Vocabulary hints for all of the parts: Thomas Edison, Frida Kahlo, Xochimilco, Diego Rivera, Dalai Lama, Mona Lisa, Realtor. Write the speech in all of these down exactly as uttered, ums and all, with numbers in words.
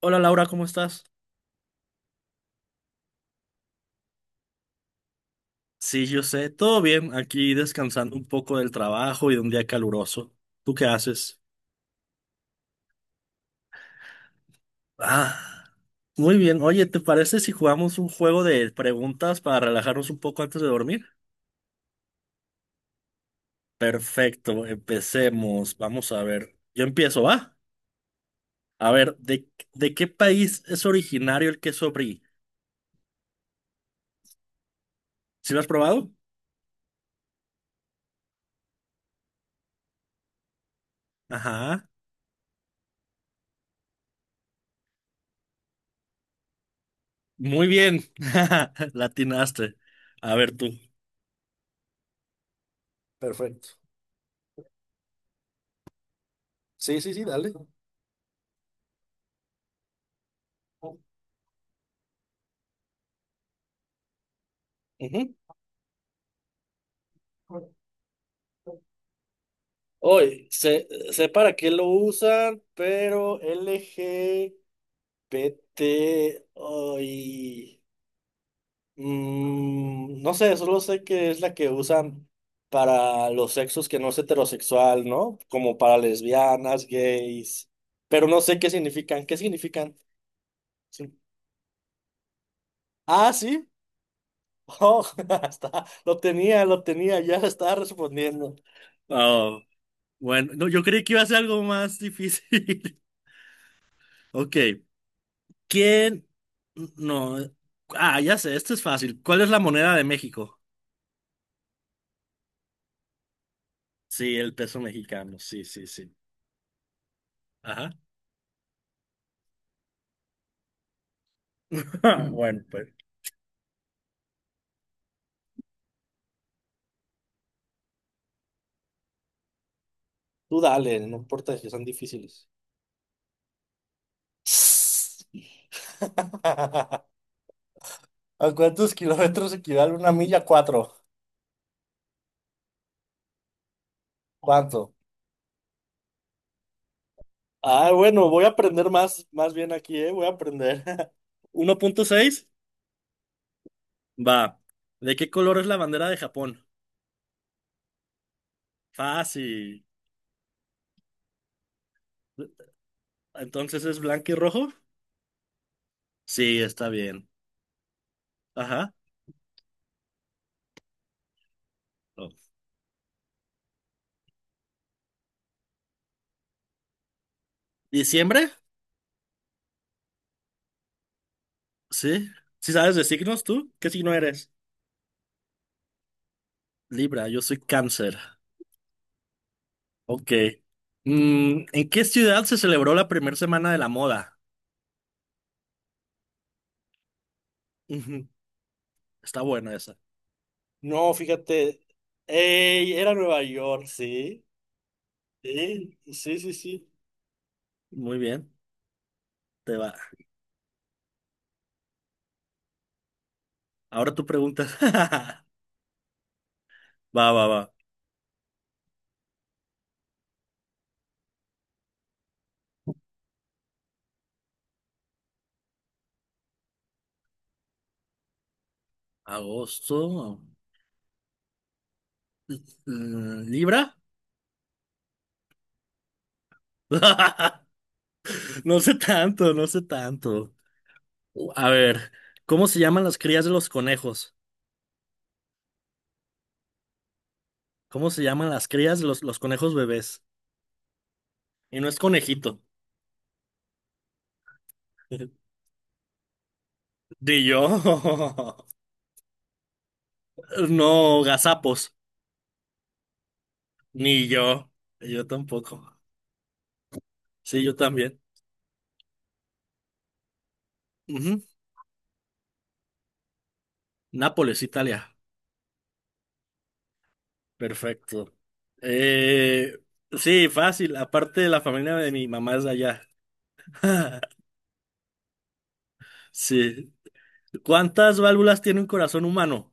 Hola Laura, ¿cómo estás? Sí, yo sé, todo bien, aquí descansando un poco del trabajo y de un día caluroso. ¿Tú qué haces? Ah, muy bien. Oye, ¿te parece si jugamos un juego de preguntas para relajarnos un poco antes de dormir? Perfecto, empecemos. Vamos a ver. Yo empiezo, ¿va? A ver, ¿de, de qué país es originario el queso brie? ¿Sí lo has probado? Ajá. Muy bien. Latinaste. A ver tú. Perfecto. Sí, sí, sí, dale. Ujú. Hoy, sé, sé para qué lo usan, pero L G B T, hoy, mm, no sé, solo sé que es la que usan para los sexos que no es heterosexual, ¿no? Como para lesbianas, gays, pero no sé qué significan, ¿qué significan? Sí. Ah, sí, oh, está, lo tenía, lo tenía, ya estaba respondiendo. Oh, bueno, no, yo creí que iba a ser algo más difícil. Ok. ¿Quién? No. Ah, ya sé, esto es fácil. ¿Cuál es la moneda de México? Sí, el peso mexicano. Sí, sí, sí. Ajá. Bueno, pues. Tú dale, no importa si son difíciles. ¿A cuántos kilómetros equivale una milla? Cuatro. ¿Cuánto? Ah, bueno, voy a aprender más, más bien aquí, ¿eh? Voy a aprender. Uno punto seis. Va. ¿De qué color es la bandera de Japón? Fácil. Entonces es blanco y rojo. Sí, está bien. Ajá. Oh. ¿Diciembre? Sí. ¿Sí sabes de signos tú? ¿Qué signo eres? Libra, yo soy cáncer. Ok. Mm, ¿en qué ciudad se celebró la primera semana de la moda? Ujú, está buena esa. No, fíjate. Ey, era Nueva York, sí. Sí, sí, sí, sí. Muy bien, te va. Ahora tú preguntas. Va, va, va. Agosto. Mm, ¿Libra? No sé tanto, no sé tanto. A ver, ¿cómo se llaman las crías de los conejos? ¿Cómo se llaman las crías de los, los conejos bebés? Y no es conejito. Ni yo. No, gazapos. Ni yo. Yo tampoco. Sí, yo también. Ujú. Nápoles, Italia. Perfecto. Eh, sí, fácil. Aparte, la familia de mi mamá es de allá. Sí. ¿Cuántas válvulas tiene un corazón humano?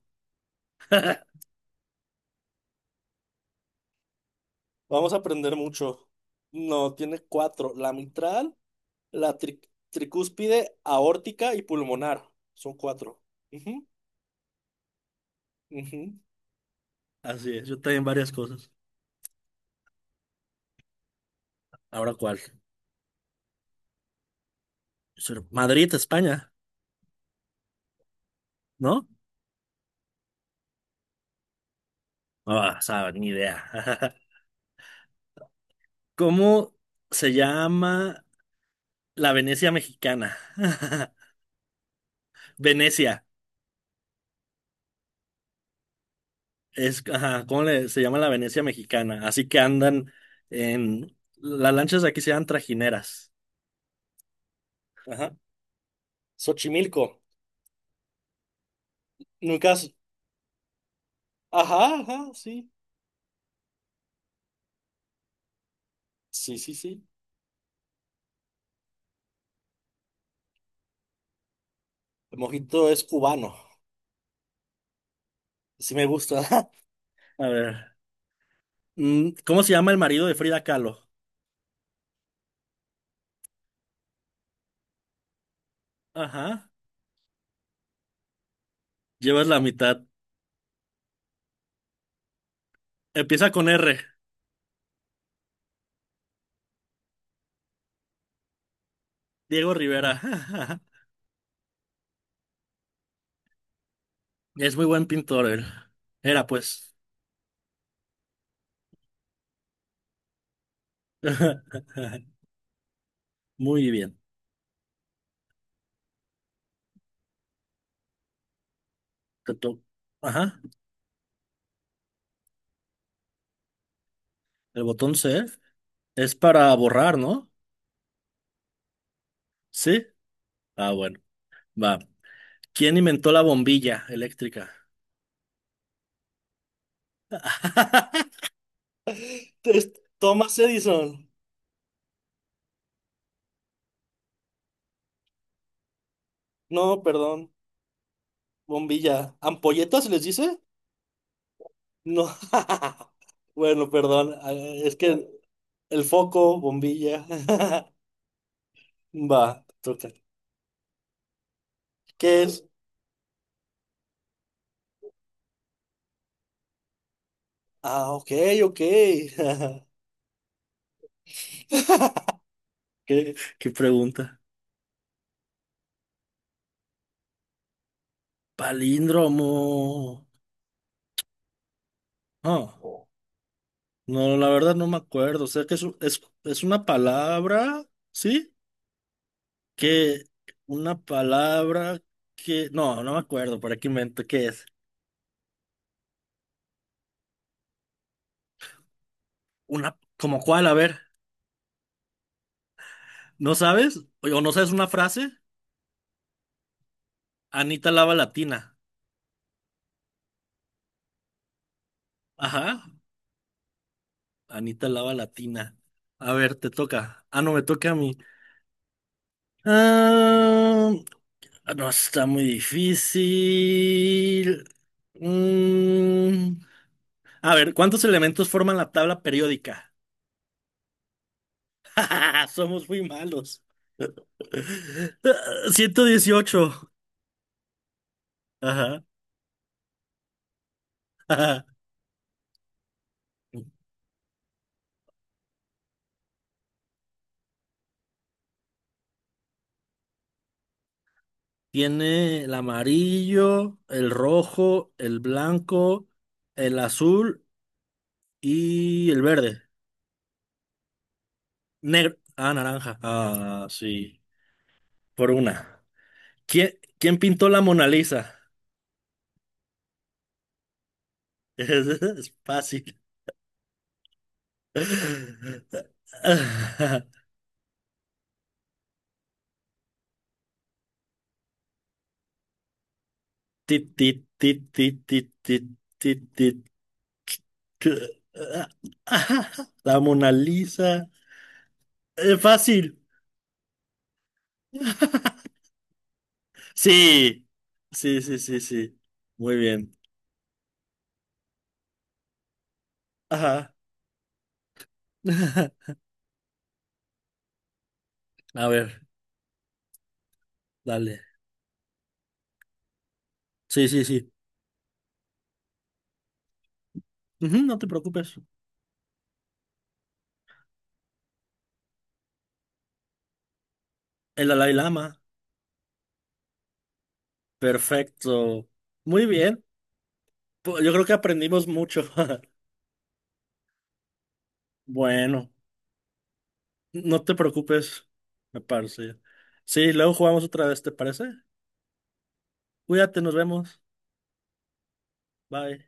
Vamos a aprender mucho. No, tiene cuatro. La mitral. La tri- tricúspide, aórtica y pulmonar. Son cuatro. Ujú, ujú. Así es, yo también varias cosas. Ahora, ¿cuál? Sur- Madrid, España, ¿no? Ah, sabe, ni idea. ¿Cómo se llama la Venecia mexicana? Venecia. Es, ajá, ¿cómo le- se llama la Venecia mexicana? Así que andan en... Las lanchas de aquí se llaman trajineras. Ajá. Xochimilco. Nunca. Has- Ajá, ajá, sí. Sí, sí, sí. El mojito es cubano. Sí me gusta. A ver. mm, ¿Cómo se llama el marido de Frida Kahlo? Ajá. Llevas la mitad. Empieza con R. Diego Rivera. Es muy buen pintor él. Era pues. Muy bien. Te to- Ajá. El botón C es para borrar, ¿no? Sí. Ah, bueno. Va. ¿Quién inventó la bombilla eléctrica? Es Thomas Edison. No, perdón. Bombilla. ¿Ampolletas les dice? No. Bueno, perdón. Ah, es que el foco, bombilla. Va, te toca. ¿Qué es? Ah, ok, ok. ¿Qué, qué pregunta? Palíndromo. Ah, no, la verdad no me acuerdo. O sea que es, un- es, es una palabra, ¿sí? Que una palabra que... No, no me acuerdo. ¿Para qué invento? ¿Qué es? Una... ¿Como cuál? A ver. ¿No sabes? ¿O no sabes una frase? Anita Lava Latina. Ajá. Anita Lava Latina. A ver, te toca. Ah, no, me toca a mí. Ah, no, está muy difícil. Mm, a ver, ¿cuántos elementos forman la tabla periódica? Somos muy malos. ciento dieciocho. Ajá, ajá. Tiene el amarillo, el rojo, el blanco, el azul y el verde. Negro. Ah, naranja. Ah, sí. Por una. ¿Quién, quién pintó la Mona Lisa? Es, es fácil. Tit, tit, tit, tit, tit, tit, tit, tit. La Mona Lisa. Es fácil. Sí. Sí, sí, sí, sí. Muy bien. Ajá. A ver, dale. Sí, sí, sí. Ujú, no te preocupes. El Dalai Lama. Perfecto. Muy bien. Pues, yo creo que aprendimos mucho. Bueno, no te preocupes, me parece. Sí, luego jugamos otra vez, ¿te parece? Cuídate, nos vemos. Bye.